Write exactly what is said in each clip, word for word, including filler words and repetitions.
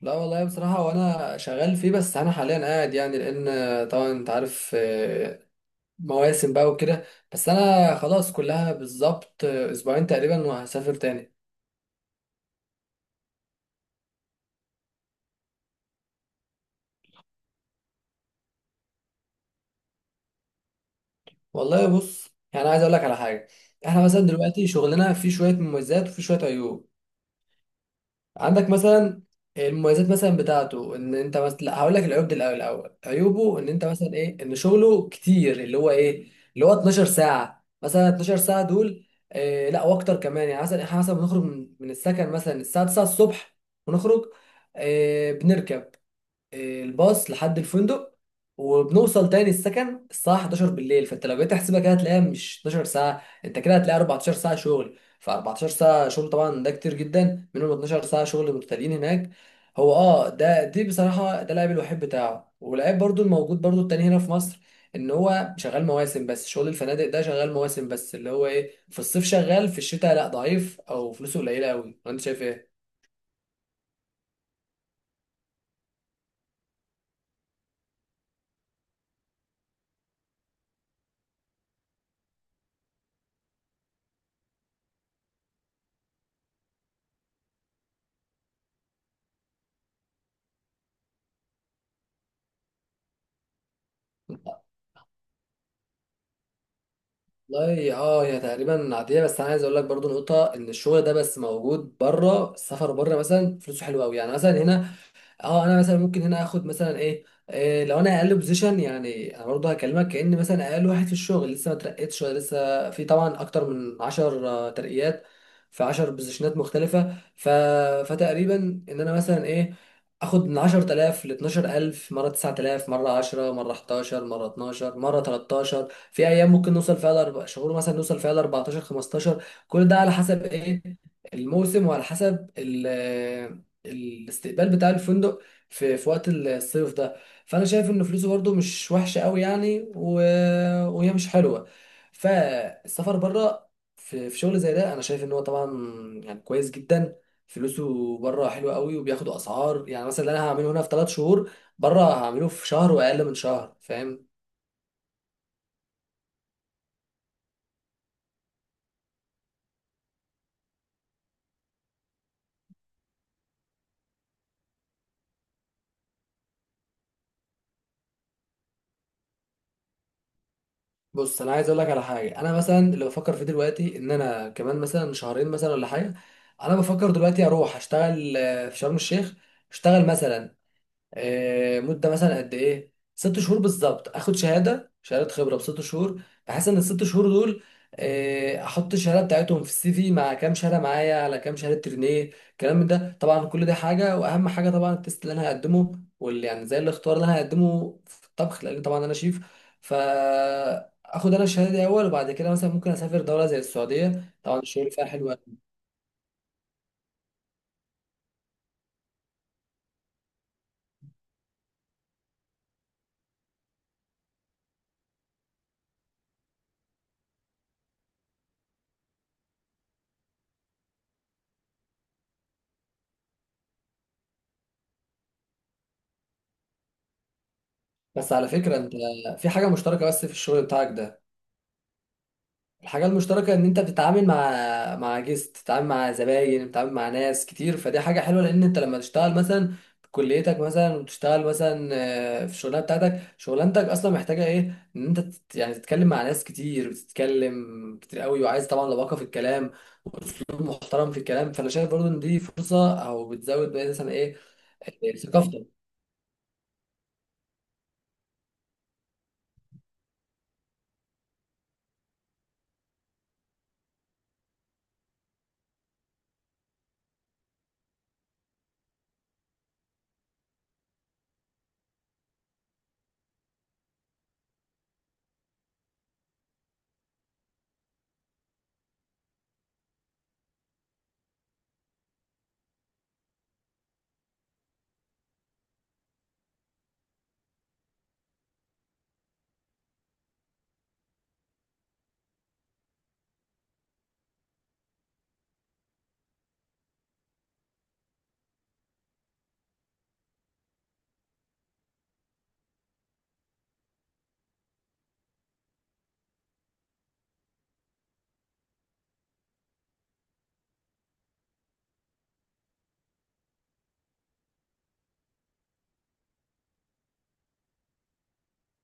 لا والله بصراحة، وأنا شغال فيه. بس أنا حاليا قاعد يعني لأن طبعا أنت عارف، آه، مواسم بقى وكده. بس أنا خلاص كلها بالظبط، آه، أسبوعين تقريبا وهسافر تاني. والله بص، يعني عايز أقول لك على حاجة. إحنا مثلا دلوقتي شغلنا فيه شوية مميزات وفيه شوية عيوب. عندك مثلا المميزات مثلا بتاعته ان انت مثلا، لا هقول لك العيوب دي الاول. الاول عيوبه ان انت مثلا ايه، ان شغله كتير، اللي هو ايه، اللي هو اتناشر ساعه، مثلا اتناشر ساعه دول. إيه، لا واكتر كمان يعني. مثلا احنا مثلا بنخرج من من السكن مثلا الساعه تسعة الصبح ونخرج، إيه، بنركب الباص لحد الفندق، وبنوصل تاني السكن الساعة حداشر بالليل. فانت لو جيت تحسبها كده هتلاقيها مش اتناشر ساعة، انت كده هتلاقي اربعة عشر ساعة شغل، ف اربعة عشر ساعة شغل طبعا ده كتير جدا، منهم اثنا عشر ساعة شغل متتاليين هناك. هو اه ده دي بصراحة ده العيب الوحيد بتاعه. والعيب برضو الموجود برضو التاني هنا في مصر، ان هو شغال مواسم بس. شغل الفنادق ده شغال مواسم بس، اللي هو ايه، في الصيف شغال، في الشتاء لا، ضعيف او فلوسه قليلة قوي. انت شايف ايه؟ والله اه هي تقريبا عاديه. بس انا عايز اقول لك برضو نقطه، ان الشغل ده بس موجود بره. السفر بره مثلا فلوسه حلوه قوي، يعني مثلا هنا، اه انا مثلا ممكن هنا اخد مثلا ايه، إيه لو انا اقل بوزيشن، يعني انا برضه هكلمك كأن مثلا اقل واحد في الشغل لسه ما اترقتش، لسه في طبعا اكتر من عشر ترقيات، في عشر بوزيشنات مختلفة. ف... فتقريبا ان انا مثلا ايه، اخد من عشرت آلاف ل اثنا عشر الف، مرة تسعة آلاف، مرة عشرة، مرة حداشر، مرة اتناشر، مرة تلتاشر. في ايام ممكن نوصل فيها لاربع شهور، مثلا نوصل فيها ل اربعتاشر، خمستاشر، كل ده على حسب ايه الموسم، وعلى حسب الاستقبال بتاع الفندق في في وقت الصيف ده. فانا شايف ان فلوسه برضو مش وحشه قوي، يعني و... وهي مش حلوه. فالسفر بره، في في شغل زي ده، انا شايف ان هو طبعا يعني كويس جدا. فلوسه بره حلوه قوي، وبياخدوا اسعار. يعني مثلا اللي انا هعمله هنا في ثلاث شهور، بره هعمله في شهر واقل من شهر، فاهم. بص انا عايز اقول لك على حاجه، انا مثلا اللي بفكر فيه دلوقتي، ان انا كمان مثلا شهرين مثلا ولا حاجه، انا بفكر دلوقتي اروح اشتغل، آه، في شرم الشيخ. اشتغل مثلا، آه، مدة مثلا قد ايه، ست شهور بالظبط. اخد شهادة، شهادة خبرة بست شهور، بحيث ان الست شهور دول، آه، احط الشهادة بتاعتهم في السي في، مع كام شهادة معايا، على كام شهادة ترينيه، الكلام من ده طبعا. كل ده حاجة، واهم حاجة طبعا التيست اللي انا هقدمه، واللي يعني زي الاختبار اللي انا هقدمه في الطبخ، لان طبعا انا شيف. ف اخد انا الشهاده دي اول، وبعد كده مثلا ممكن اسافر دوله زي السعوديه، طبعا الشغل فيها حلو أوي. بس على فكره انت في حاجه مشتركه بس في الشغل بتاعك ده. الحاجة المشتركة إن أنت بتتعامل مع مع جيست، بتتعامل مع زباين، بتتعامل مع ناس كتير، فدي حاجة حلوة. لأن أنت لما تشتغل مثلا في كليتك مثلا، وتشتغل مثلا، آه، في الشغلانة بتاعتك، شغلانتك أصلا محتاجة إيه، إن أنت تت- يعني تتكلم مع ناس كتير، بتتكلم كتير قوي، وعايز طبعا لباقة في الكلام وأسلوب محترم في الكلام. فأنا شايف برضو إن دي فرصة، أو بتزود مثلا إيه، آه، ثقافتك.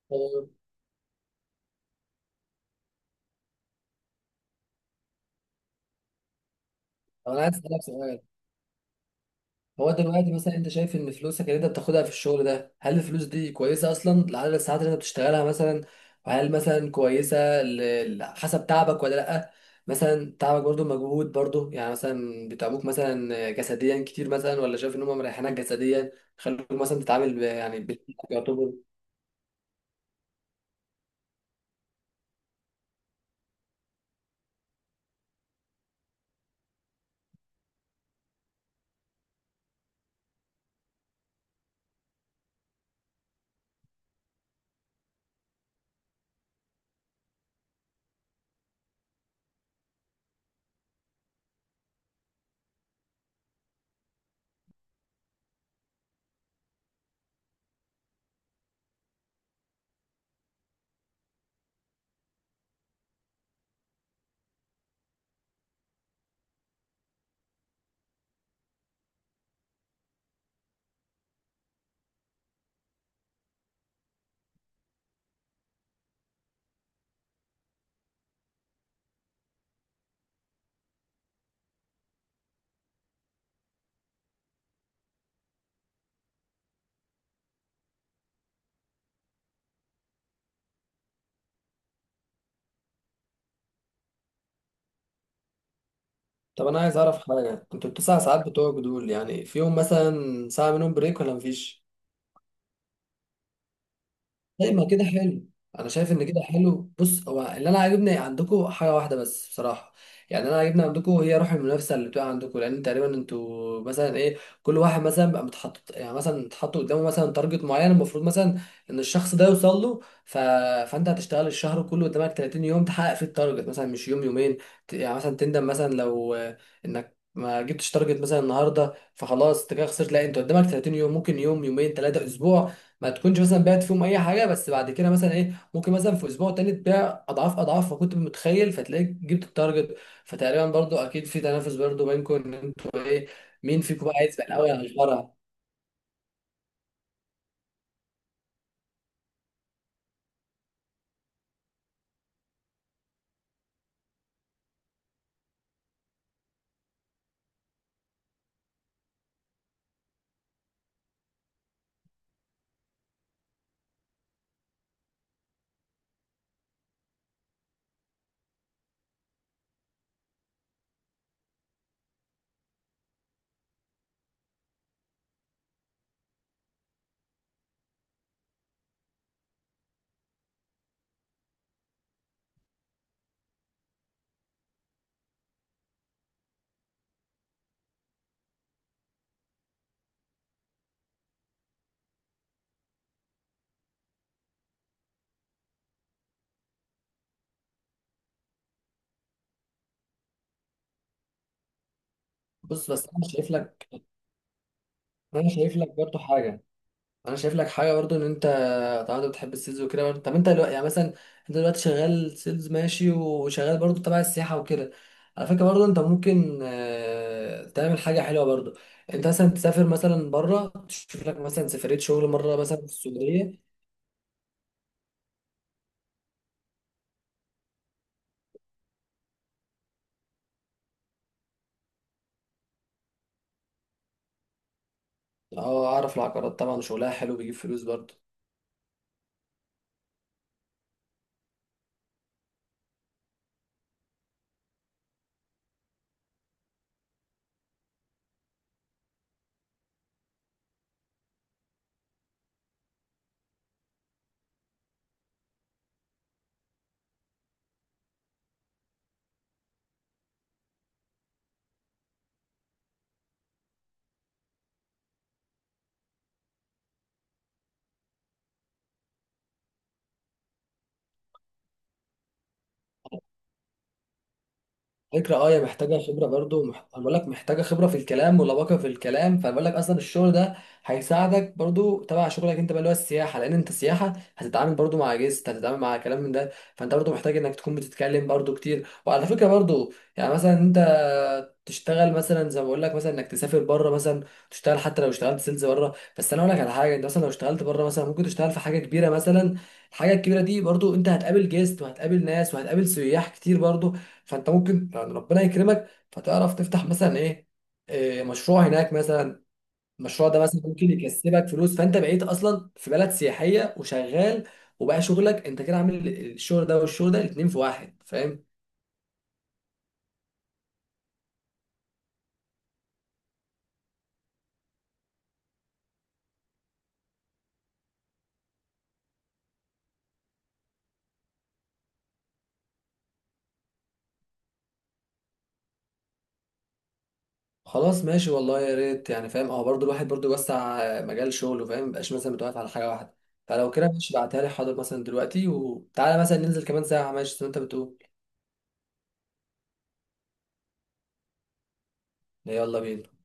طب أنا عايز أسألك سؤال، هو دلوقتي مثلا انت شايف ان فلوسك اللي انت بتاخدها في الشغل ده، هل الفلوس دي كويسه اصلا لعدد الساعات اللي انت بتشتغلها مثلا؟ وهل مثلا كويسه ل- ل- حسب تعبك ولا لا؟ مثلا تعبك برضو مجهود برضو، يعني مثلا بيتعبوك مثلا جسديا كتير مثلا، ولا شايف ان هم مريحينك جسديا خلوك مثلا تتعامل ب- يعني بال- يعتبر. طب انا عايز اعرف حاجه، كنت التسع ساعات بتوعك دول يعني فيهم مثلا ساعه منهم بريك ولا مفيش؟ لا، ما كده حلو. انا شايف ان كده حلو. بص، هو اللي انا عاجبني عندكم حاجه واحده بس بصراحه، يعني انا عاجبني عندكم هي روح المنافسه اللي بتبقى عندكم، لان تقريبا انتوا مثلا ايه، كل واحد مثلا بقى متحط، يعني مثلا اتحط قدامه مثلا تارجت معين، المفروض مثلا ان الشخص ده يوصل له. ف... فانت هتشتغل الشهر كله قدامك تلاتين يوم تحقق فيه التارجت مثلا، مش يوم يومين. ت- يعني مثلا تندم مثلا لو، آه، انك ما جبتش تارجت مثلا النهارده فخلاص انت كده خسرت. لا، انت قدامك ثلاثين يوم، ممكن يوم يومين ثلاثه اسبوع ما تكونش مثلا بعت فيهم اي حاجه، بس بعد كده مثلا ايه ممكن مثلا في اسبوع تاني تبيع اضعاف اضعاف ما كنت متخيل، فتلاقيك جبت التارجت. فتقريبا برضو اكيد في تنافس برضو بينكم، ان انتوا ايه، مين فيكم بقى هيسبق الاول على الشجره. بص بس انا شايف لك، انا شايف لك برضو حاجه، انا شايف لك حاجه برضو، ان طبعا انت بتحب السيلز وكده. طب انت دلوقتي يعني مثلا انت دلوقتي شغال سيلز ماشي، وشغال برضو تبع السياحه وكده. على فكره برضو انت ممكن، آه، تعمل حاجه حلوه برضو، انت مثلا تسافر مثلا بره، تشوف لك مثلا سفريه شغل مره مثلا في السعوديه. اه، اعرف العقارات طبعا، شغلها حلو بيجيب فلوس برضو. فكرة اه، هي محتاجة خبرة برضو، مح... أنا بقول لك محتاجة خبرة في الكلام ولباقة في الكلام، فبقول لك أصلا الشغل ده هيساعدك برضو تبع شغلك أنت بقى اللي هو السياحة. لأن أنت سياحة هتتعامل برضو مع جيست، هتتعامل مع كلام من ده، فأنت برضو محتاج إنك تكون بتتكلم برضو كتير. وعلى فكرة برضو يعني مثلا أنت تشتغل مثلا زي ما بقول لك مثلا، إنك تسافر بره مثلا، تشتغل حتى لو اشتغلت سيلز بره. بس أنا أقول لك على حاجة، أنت مثلا لو اشتغلت بره مثلا ممكن تشتغل في حاجة كبيرة مثلا. الحاجة الكبيرة دي برضو أنت هتقابل جيست وهتقابل ناس وهتقابل سياح كتير برضو، فانت ممكن يعني ربنا يكرمك، فتعرف تفتح مثلا ايه، إيه، مشروع هناك مثلا. المشروع ده مثلا ممكن يكسبك فلوس، فانت بقيت اصلا في بلد سياحيه وشغال، وبقى شغلك انت كده عامل الشغل ده والشغل ده الاتنين في واحد، فاهم. خلاص ماشي، والله يا ريت يعني، فاهم اهو، برضو الواحد برضو يوسع مجال شغله، فاهم، مبقاش مثلا متوقف على حاجه واحده. فلو كده ماشي، بعتها لي حاضر مثلا دلوقتي، وتعالى مثلا ننزل كمان ساعه ماشي زي ما انت بتقول. يلا بينا.